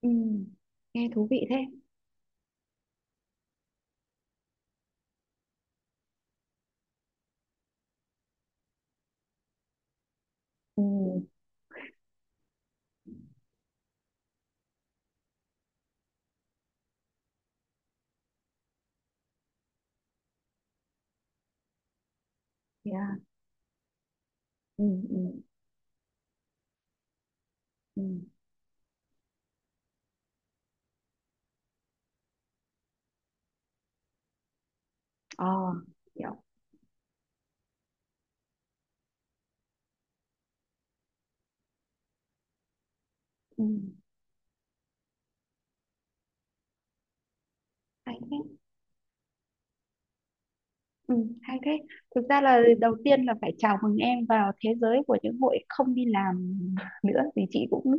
Ừ, nghe thú vị thế. Ừ, yeah. Ừ, ừ, ừ. Ờ, hiểu. Ừ, hay thế. Ừ, hay thế. Thực ra là đầu tiên là phải chào mừng em vào thế giới của những hội không đi làm nữa vì chị cũng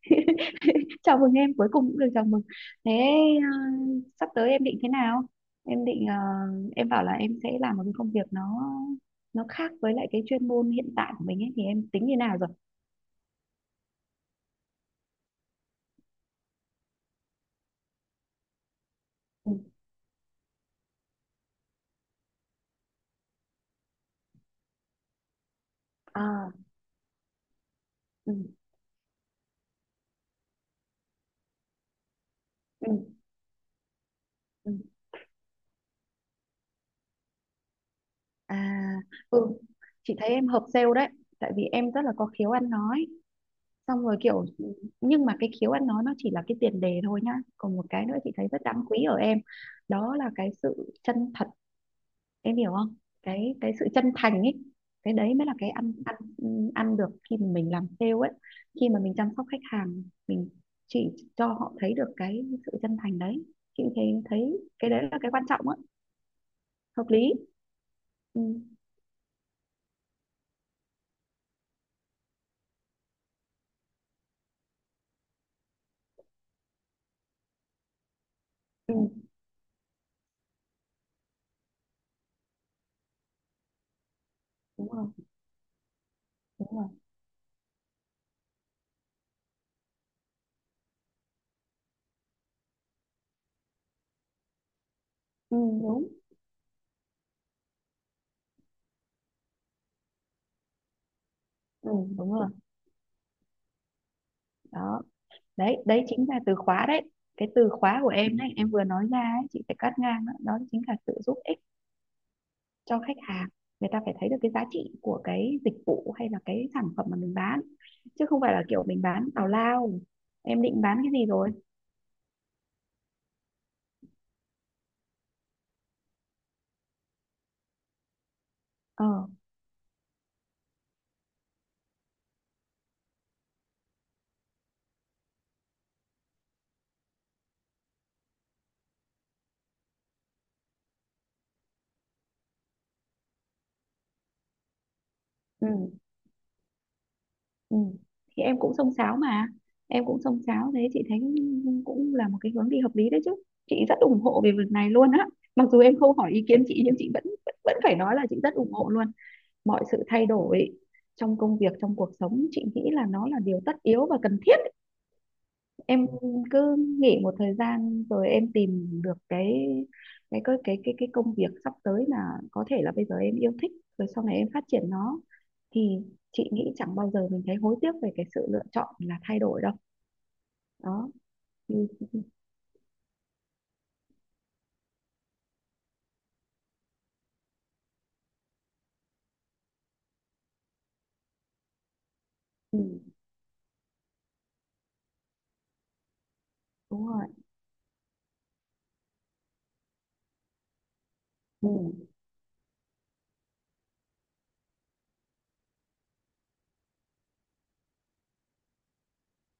chào mừng em cuối cùng cũng được chào mừng. Thế ờ, sắp tới em định thế nào? Em định em bảo là em sẽ làm một cái công việc nó khác với lại cái chuyên môn hiện tại của mình ấy thì em tính như nào rồi? Ừ. À, ừ, ừ. Ừ. À, ừ, chị thấy em hợp sale đấy, tại vì em rất là có khiếu ăn nói. Xong rồi kiểu nhưng mà cái khiếu ăn nói nó chỉ là cái tiền đề thôi nhá. Còn một cái nữa chị thấy rất đáng quý ở em, đó là cái sự chân thật, em hiểu không? Cái sự chân thành ấy. Cái đấy mới là cái ăn ăn ăn được khi mà mình làm sale ấy, khi mà mình chăm sóc khách hàng, mình chỉ cho họ thấy được cái sự chân thành đấy. Chị thấy thấy cái đấy là cái quan trọng á, hợp lý. Ừ, ừ, đúng rồi, đúng rồi. Ừ, đúng. Ừ, đúng rồi đó, đấy đấy chính là từ khóa đấy, cái từ khóa của em đấy em vừa nói ra ấy, chị phải cắt ngang đó, đó chính là sự giúp ích cho khách hàng, người ta phải thấy được cái giá trị của cái dịch vụ hay là cái sản phẩm mà mình bán chứ không phải là kiểu mình bán tào lao. Em định bán cái gì rồi? Ờ, ừ, ừ. Thì em cũng xông xáo mà, em cũng xông xáo thế chị thấy cũng là một cái hướng đi hợp lý đấy chứ, chị rất ủng hộ về việc này luôn á. Mặc dù em không hỏi ý kiến chị nhưng chị vẫn vẫn vẫn phải nói là chị rất ủng hộ luôn mọi sự thay đổi trong công việc trong cuộc sống, chị nghĩ là nó là điều tất yếu và cần thiết. Em cứ nghỉ một thời gian rồi em tìm được cái công việc sắp tới mà có thể là bây giờ em yêu thích rồi sau này em phát triển nó, thì chị nghĩ chẳng bao giờ mình thấy hối tiếc về cái sự lựa chọn là thay đổi đâu. Đó. Ừ, ừ, ừ, đúng rồi. Ừ,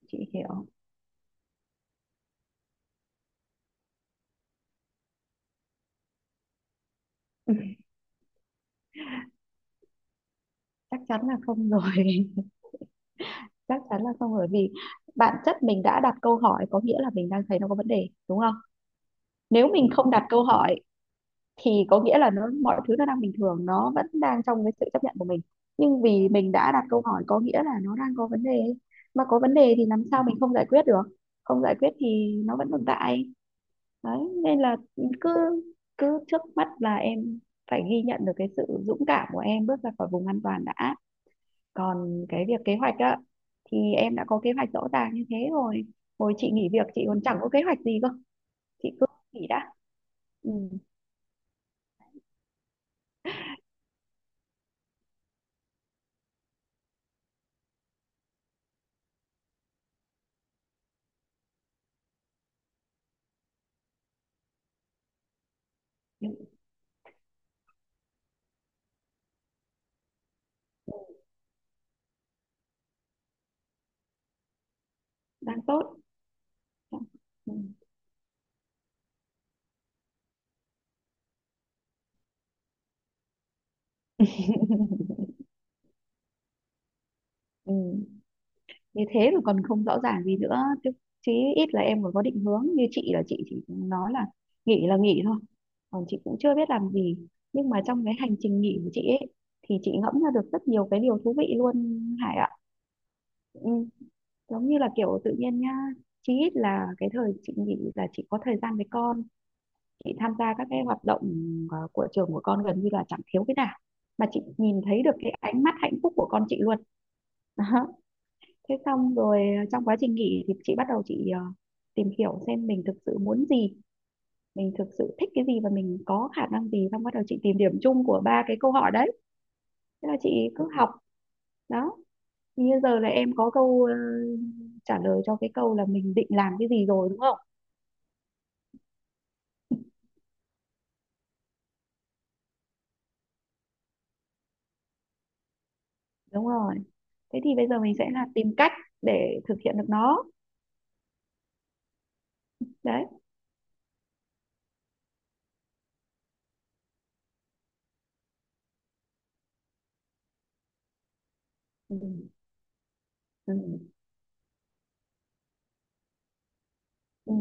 chị hiểu. Chắc chắn là không rồi. Chắc chắn là không, bởi vì bản chất mình đã đặt câu hỏi có nghĩa là mình đang thấy nó có vấn đề, đúng không? Nếu mình không đặt câu hỏi thì có nghĩa là nó mọi thứ nó đang bình thường, nó vẫn đang trong cái sự chấp nhận của mình. Nhưng vì mình đã đặt câu hỏi có nghĩa là nó đang có vấn đề, mà có vấn đề thì làm sao mình không giải quyết được. Không giải quyết thì nó vẫn tồn tại. Đấy, nên là cứ cứ trước mắt là em phải ghi nhận được cái sự dũng cảm của em bước ra khỏi vùng an toàn đã. Còn cái việc kế hoạch á, thì em đã có kế hoạch rõ ràng như thế rồi. Hồi chị nghỉ việc chị còn chẳng có kế hoạch gì cơ, chị cứ nghỉ đã. Ừ. Nhưng đang tốt. Ừ. Ừ. Như thế rồi còn không rõ ràng gì nữa chứ, chí ít là em còn có định hướng. Như chị là chị chỉ nói là nghỉ thôi, còn chị cũng chưa biết làm gì, nhưng mà trong cái hành trình nghỉ của chị ấy thì chị ngẫm ra được rất nhiều cái điều thú vị luôn, Hải ạ. Ừ. Giống như là kiểu tự nhiên nhá, chí ít là cái thời chị nghỉ là chị có thời gian với con, chị tham gia các cái hoạt động của trường của con gần như là chẳng thiếu cái nào, mà chị nhìn thấy được cái ánh mắt hạnh phúc của con chị luôn. Đó. Thế xong rồi trong quá trình nghỉ thì chị bắt đầu chị tìm hiểu xem mình thực sự muốn gì, mình thực sự thích cái gì và mình có khả năng gì, xong bắt đầu chị tìm điểm chung của ba cái câu hỏi đấy. Thế là chị cứ học. Đó, như giờ là em có câu trả lời cho cái câu là mình định làm cái gì rồi, đúng không? Đúng rồi, thế thì bây giờ mình sẽ là tìm cách để thực hiện được nó. Đấy. Ừ. Ừ. Ừ.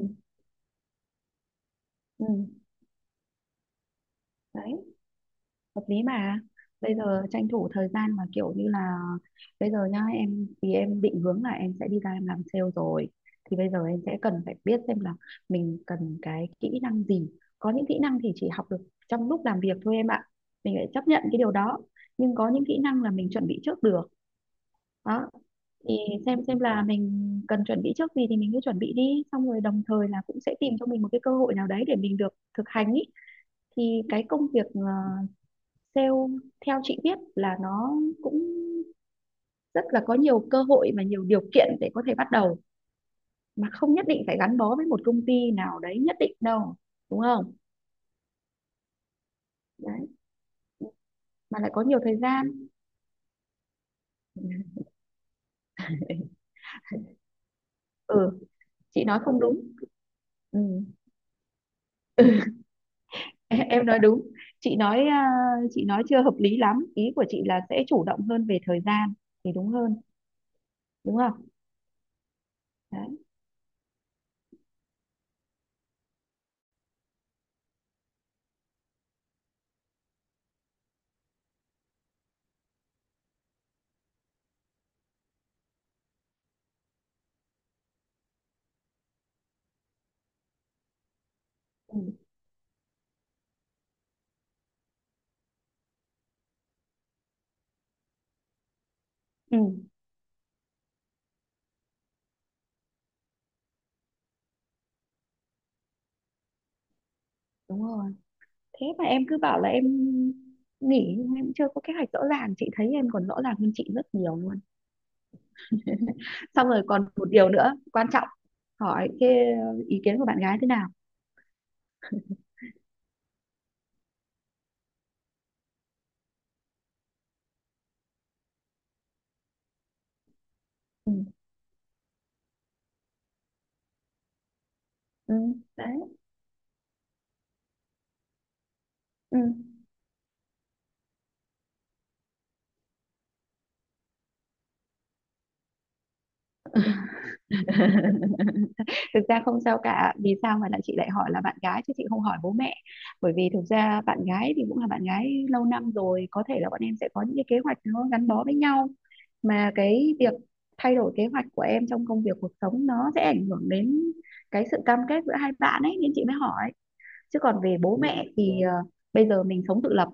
Ừ. Đấy hợp lý mà, bây giờ tranh thủ thời gian mà kiểu như là, bây giờ nhá, em thì em định hướng là em sẽ đi ra em làm sale rồi, thì bây giờ em sẽ cần phải biết xem là mình cần cái kỹ năng gì. Có những kỹ năng thì chỉ học được trong lúc làm việc thôi em ạ, mình phải chấp nhận cái điều đó, nhưng có những kỹ năng là mình chuẩn bị trước được. Đó, thì xem là mình cần chuẩn bị trước gì thì mình cứ chuẩn bị đi, xong rồi đồng thời là cũng sẽ tìm cho mình một cái cơ hội nào đấy để mình được thực hành ý. Thì cái công việc sale theo chị biết là nó cũng rất là có nhiều cơ hội và nhiều điều kiện để có thể bắt đầu, mà không nhất định phải gắn bó với một công ty nào đấy nhất định đâu, đúng không? Đấy, mà lại có nhiều thời gian. Ừ, chị nói không đúng. Ừ. Em nói đúng, chị nói, à, chị nói chưa hợp lý lắm, ý của chị là sẽ chủ động hơn về thời gian thì đúng hơn. Đúng không? Đấy. Ừ, ừ, đúng rồi. Thế mà em cứ bảo là em nghỉ nhưng em chưa có kế hoạch rõ ràng, chị thấy em còn rõ ràng hơn chị rất nhiều luôn. Xong rồi còn một điều nữa quan trọng, hỏi cái ý kiến của bạn gái thế nào? Ừ, ừ, đấy. Ừ. Thực ra không sao cả, vì sao mà lại chị lại hỏi là bạn gái chứ chị không hỏi bố mẹ, bởi vì thực ra bạn gái thì cũng là bạn gái lâu năm rồi, có thể là bọn em sẽ có những cái kế hoạch nó gắn bó với nhau, mà cái việc thay đổi kế hoạch của em trong công việc cuộc sống nó sẽ ảnh hưởng đến cái sự cam kết giữa hai bạn ấy, nên chị mới hỏi. Chứ còn về bố mẹ thì bây giờ mình sống tự lập,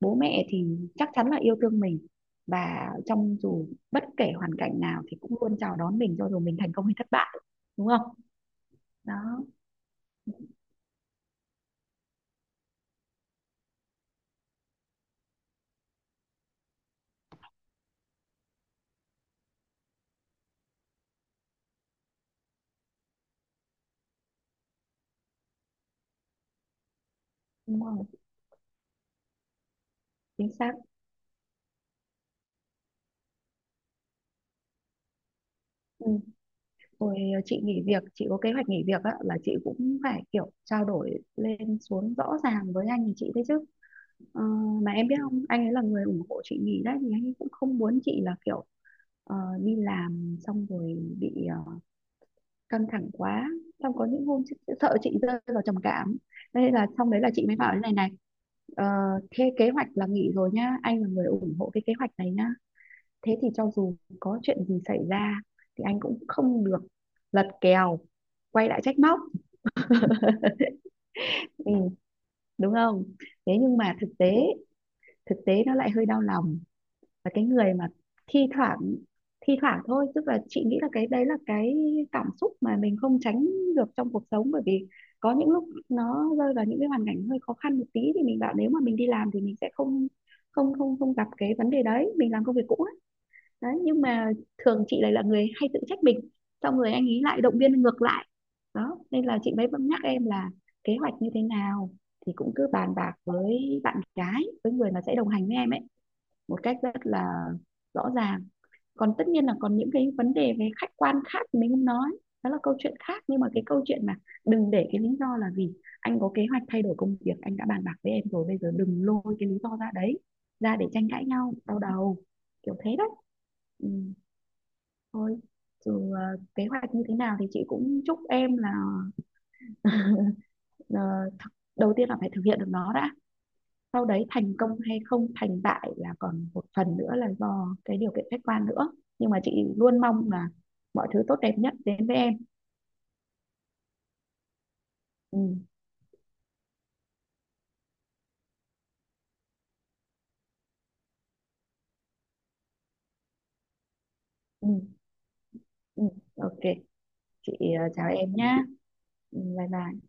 bố mẹ thì chắc chắn là yêu thương mình, và trong dù bất kể hoàn cảnh nào thì cũng luôn chào đón mình cho dù mình thành công hay thất bại, đúng không? Đó. Đúng rồi. Chính xác. Ừ. Rồi, chị nghỉ việc, chị có kế hoạch nghỉ việc á, là chị cũng phải kiểu trao đổi lên xuống rõ ràng với anh thì chị đấy chứ. Ờ, mà em biết không, anh ấy là người ủng hộ chị nghỉ đấy, thì anh ấy cũng không muốn chị là kiểu ờ, đi làm xong rồi bị căng thẳng quá, xong có những hôm sợ chị rơi vào trầm cảm, nên là xong đấy là chị mới bảo thế này này. ờ, Thế kế hoạch là nghỉ rồi nhá, anh là người ủng hộ cái kế hoạch này nhá, thế thì cho dù có chuyện gì xảy ra thì anh cũng không được lật kèo quay lại trách móc. Ừ, đúng không? Thế nhưng mà thực tế nó lại hơi đau lòng. Và cái người mà thi thoảng thi thoảng thôi, tức là chị nghĩ là cái đấy là cái cảm xúc mà mình không tránh được trong cuộc sống, bởi vì có những lúc nó rơi vào những cái hoàn cảnh hơi khó khăn một tí thì mình bảo nếu mà mình đi làm thì mình sẽ không không không không gặp cái vấn đề đấy, mình làm công việc cũ ấy. Đấy, nhưng mà thường chị lại là người hay tự trách mình, xong rồi anh ấy lại động viên ngược lại. Đó, nên là chị mới vẫn nhắc em là kế hoạch như thế nào thì cũng cứ bàn bạc với bạn gái, với người mà sẽ đồng hành với em ấy một cách rất là rõ ràng. Còn tất nhiên là còn những cái vấn đề về khách quan khác mình không nói, đó là câu chuyện khác, nhưng mà cái câu chuyện mà đừng để cái lý do là vì anh có kế hoạch thay đổi công việc, anh đã bàn bạc với em rồi, bây giờ đừng lôi cái lý do ra đấy ra để tranh cãi nhau đau đầu. Kiểu thế đấy. Ừ, thôi, dù kế hoạch như thế nào thì chị cũng chúc em là, ờ, đầu tiên là phải thực hiện được nó đã, sau đấy thành công hay không thành bại là còn một phần nữa là do cái điều kiện khách quan nữa, nhưng mà chị luôn mong là mọi thứ tốt đẹp nhất đến với em. Ừ, ừ, ừ. Ok. Chị, chào em nhá. Ừ, bye bye.